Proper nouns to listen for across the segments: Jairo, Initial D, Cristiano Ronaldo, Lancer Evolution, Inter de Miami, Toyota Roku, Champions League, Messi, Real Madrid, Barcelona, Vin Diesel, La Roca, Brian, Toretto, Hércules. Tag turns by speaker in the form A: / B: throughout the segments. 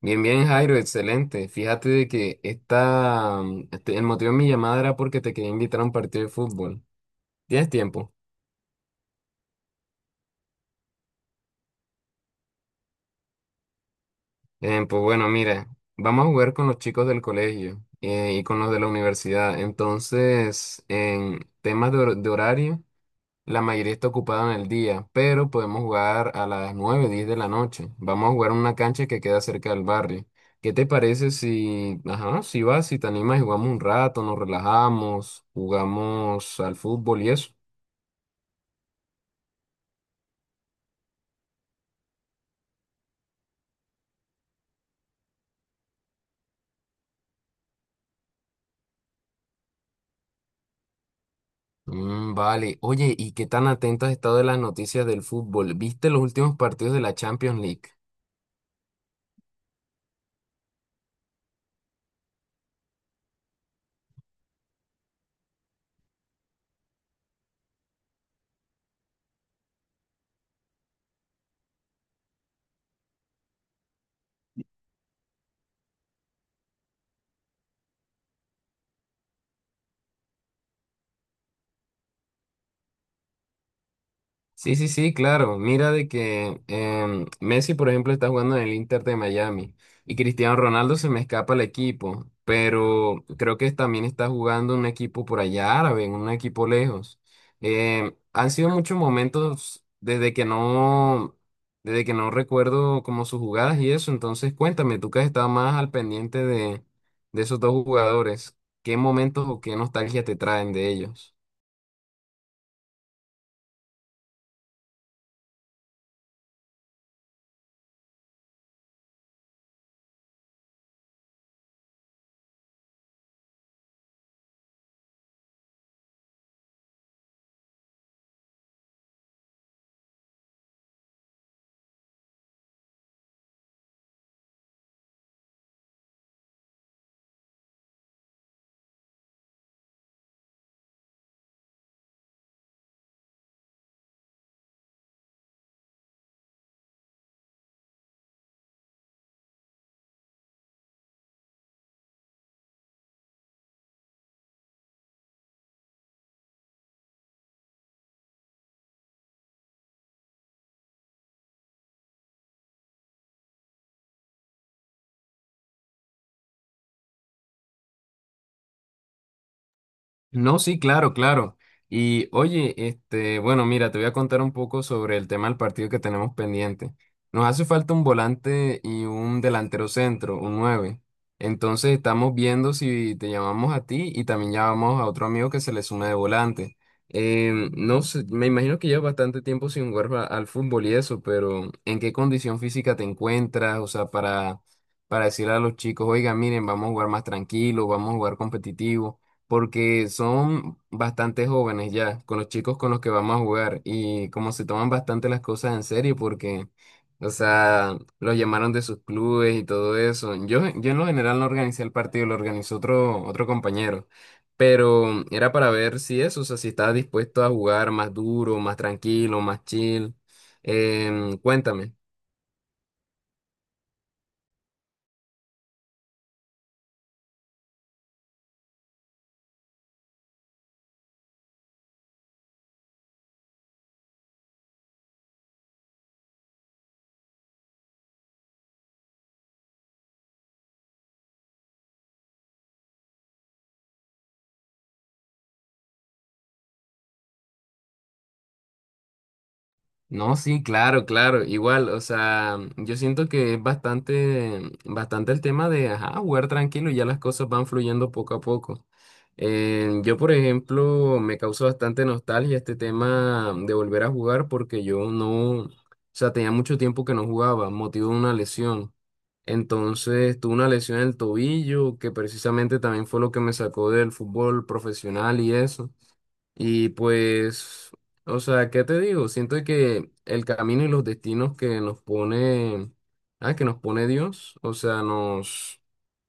A: Bien, bien, Jairo, excelente. Fíjate de que el motivo de mi llamada era porque te quería invitar a un partido de fútbol. ¿Tienes tiempo? Pues bueno, mira, vamos a jugar con los chicos del colegio y con los de la universidad. Entonces, en temas de horario. La mayoría está ocupada en el día, pero podemos jugar a las 9 o 10 de la noche. Vamos a jugar en una cancha que queda cerca del barrio. ¿Qué te parece si, ajá, si vas, si te animas y jugamos un rato, nos relajamos, jugamos al fútbol y eso? Mm, vale. Oye, ¿y qué tan atenta has estado de las noticias del fútbol? ¿Viste los últimos partidos de la Champions League? Sí, sí, sí, claro. Mira de que Messi, por ejemplo, está jugando en el Inter de Miami y Cristiano Ronaldo se me escapa el equipo, pero creo que también está jugando en un equipo por allá árabe, en un equipo lejos. Han sido muchos momentos desde que no recuerdo como sus jugadas y eso. Entonces, cuéntame, tú que has estado más al pendiente de esos dos jugadores, ¿qué momentos o qué nostalgia te traen de ellos? No, sí, claro, claro. Y oye, este, bueno, mira, te voy a contar un poco sobre el tema del partido que tenemos pendiente. Nos hace falta un volante y un delantero centro, un nueve. Entonces estamos viendo si te llamamos a ti y también llamamos a otro amigo que se le suma de volante. No sé, me imagino que llevas bastante tiempo sin jugar al fútbol y eso, pero ¿en qué condición física te encuentras? O sea, para decirle a los chicos, oiga, miren, vamos a jugar más tranquilo, vamos a jugar competitivo porque son bastante jóvenes ya, con los chicos con los que vamos a jugar y como se toman bastante las cosas en serio porque, o sea, los llamaron de sus clubes y todo eso. Yo en lo general no organicé el partido, lo organizó otro compañero, pero era para ver si eso, o sea, si estaba dispuesto a jugar más duro, más tranquilo, más chill. Cuéntame. No, sí, claro, claro, igual, o sea, yo siento que es bastante, bastante el tema de, ajá, jugar tranquilo y ya las cosas van fluyendo poco a poco. Yo, por ejemplo, me causó bastante nostalgia este tema de volver a jugar porque yo no, o sea, tenía mucho tiempo que no jugaba, motivo de una lesión. Entonces, tuve una lesión en el tobillo que precisamente también fue lo que me sacó del fútbol profesional y eso. Y pues, o sea, ¿qué te digo? Siento que el camino y los destinos que nos pone, ah, que nos pone Dios, o sea, nos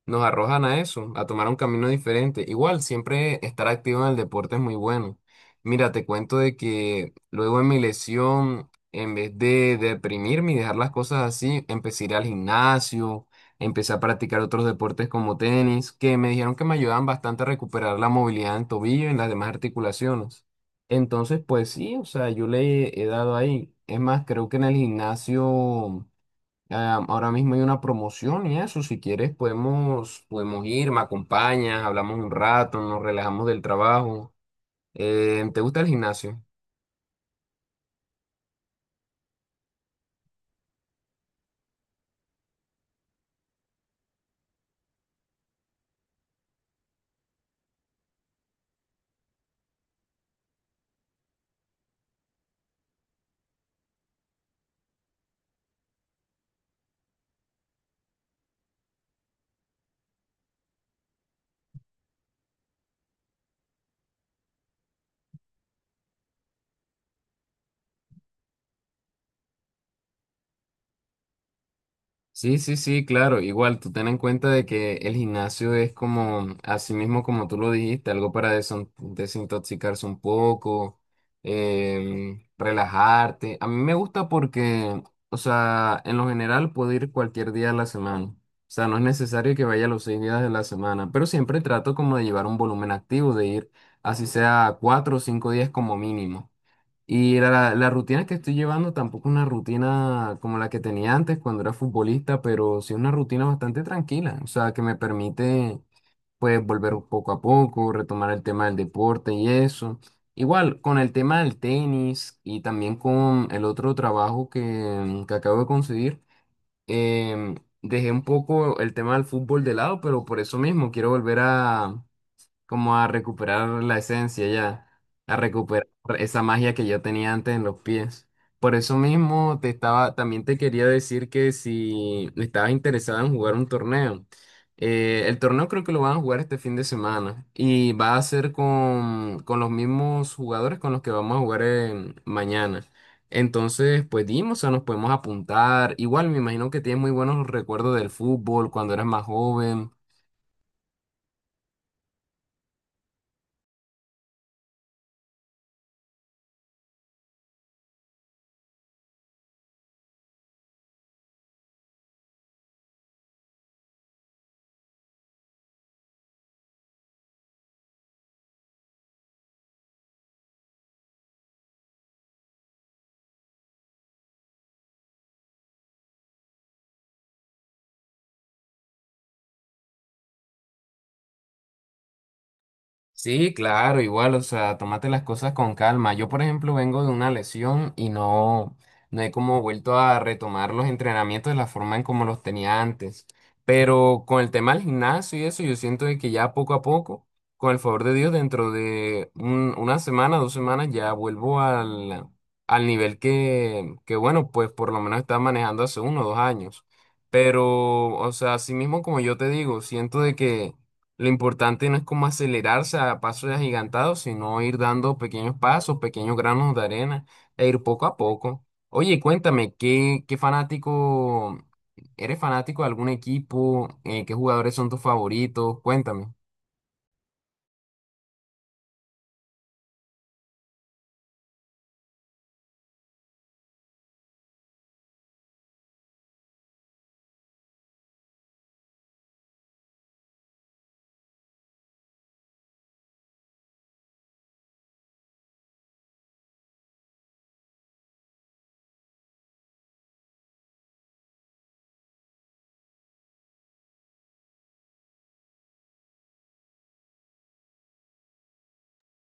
A: nos arrojan a eso, a tomar un camino diferente. Igual, siempre estar activo en el deporte es muy bueno. Mira, te cuento de que luego en mi lesión, en vez de deprimirme y dejar las cosas así, empecé a ir al gimnasio, empecé a practicar otros deportes como tenis, que me dijeron que me ayudaban bastante a recuperar la movilidad en tobillo y en las demás articulaciones. Entonces, pues sí, o sea, yo le he dado ahí. Es más, creo que en el gimnasio... Ah, ahora mismo hay una promoción y eso, si quieres podemos ir, me acompañas, hablamos un rato, nos relajamos del trabajo. ¿Te gusta el gimnasio? Sí, sí, sí, claro. Igual, tú ten en cuenta de que el gimnasio es como, así mismo como tú lo dijiste, algo para desintoxicarse un poco, relajarte. A mí me gusta porque, o sea, en lo general puedo ir cualquier día de la semana. O sea, no es necesario que vaya los 6 días de la semana, pero siempre trato como de llevar un volumen activo, de ir así sea 4 o 5 días como mínimo. Y la rutina que estoy llevando tampoco es una rutina como la que tenía antes cuando era futbolista, pero sí es una rutina bastante tranquila, o sea, que me permite pues volver poco a poco, retomar el tema del deporte y eso. Igual, con el tema del tenis y también con el otro trabajo que acabo de conseguir, em, dejé un poco el tema del fútbol de lado, pero por eso mismo quiero volver a como a recuperar la esencia ya, a recuperar esa magia que yo tenía antes en los pies. Por eso mismo te estaba, también te quería decir que si estabas interesado en jugar un torneo, el torneo creo que lo van a jugar este fin de semana y va a ser con los mismos jugadores con los que vamos a jugar mañana. Entonces, pues dimos, o sea, nos podemos apuntar. Igual me imagino que tienes muy buenos recuerdos del fútbol cuando eras más joven. Sí, claro, igual, o sea, tómate las cosas con calma. Yo, por ejemplo, vengo de una lesión y no he como vuelto a retomar los entrenamientos de la forma en como los tenía antes. Pero con el tema del gimnasio y eso, yo siento de que ya poco a poco, con el favor de Dios, dentro de una semana, 2 semanas, ya vuelvo al, al nivel que, bueno, pues por lo menos estaba manejando hace 1 o 2 años. Pero, o sea, así mismo como yo te digo, siento de que lo importante no es como acelerarse a pasos agigantados, sino ir dando pequeños pasos, pequeños granos de arena e ir poco a poco. Oye, cuéntame, eres fanático de algún equipo? ¿Qué jugadores son tus favoritos? Cuéntame.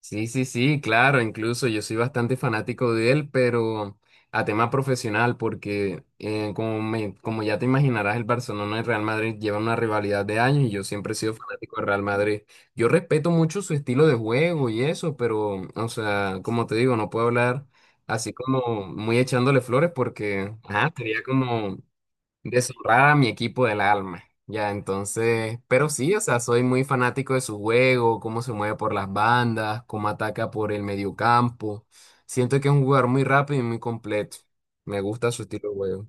A: Sí, sí, sí, claro, incluso yo soy bastante fanático de él, pero a tema profesional, porque como ya te imaginarás, el Barcelona y el Real Madrid llevan una rivalidad de años y yo siempre he sido fanático del Real Madrid. Yo respeto mucho su estilo de juego y eso, pero, o sea, como te digo, no puedo hablar así como muy echándole flores porque, ajá, sería como deshonrar a mi equipo del alma. Ya, entonces, pero sí, o sea, soy muy fanático de su juego, cómo se mueve por las bandas, cómo ataca por el mediocampo. Siento que es un jugador muy rápido y muy completo. Me gusta su estilo de juego.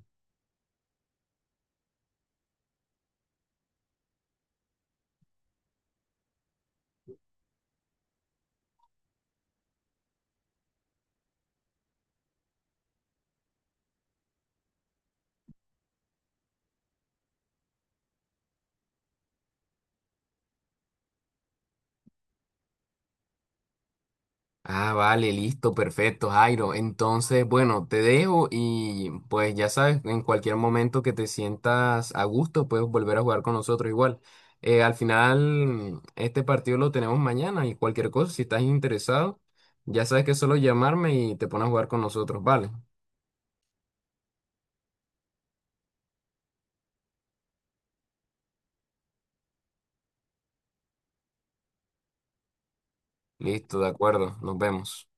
A: Ah, vale, listo, perfecto, Jairo. Entonces, bueno, te dejo y pues ya sabes, en cualquier momento que te sientas a gusto, puedes volver a jugar con nosotros igual. Al final, este partido lo tenemos mañana y cualquier cosa, si estás interesado, ya sabes que es solo llamarme y te pones a jugar con nosotros, vale. Listo, de acuerdo, nos vemos.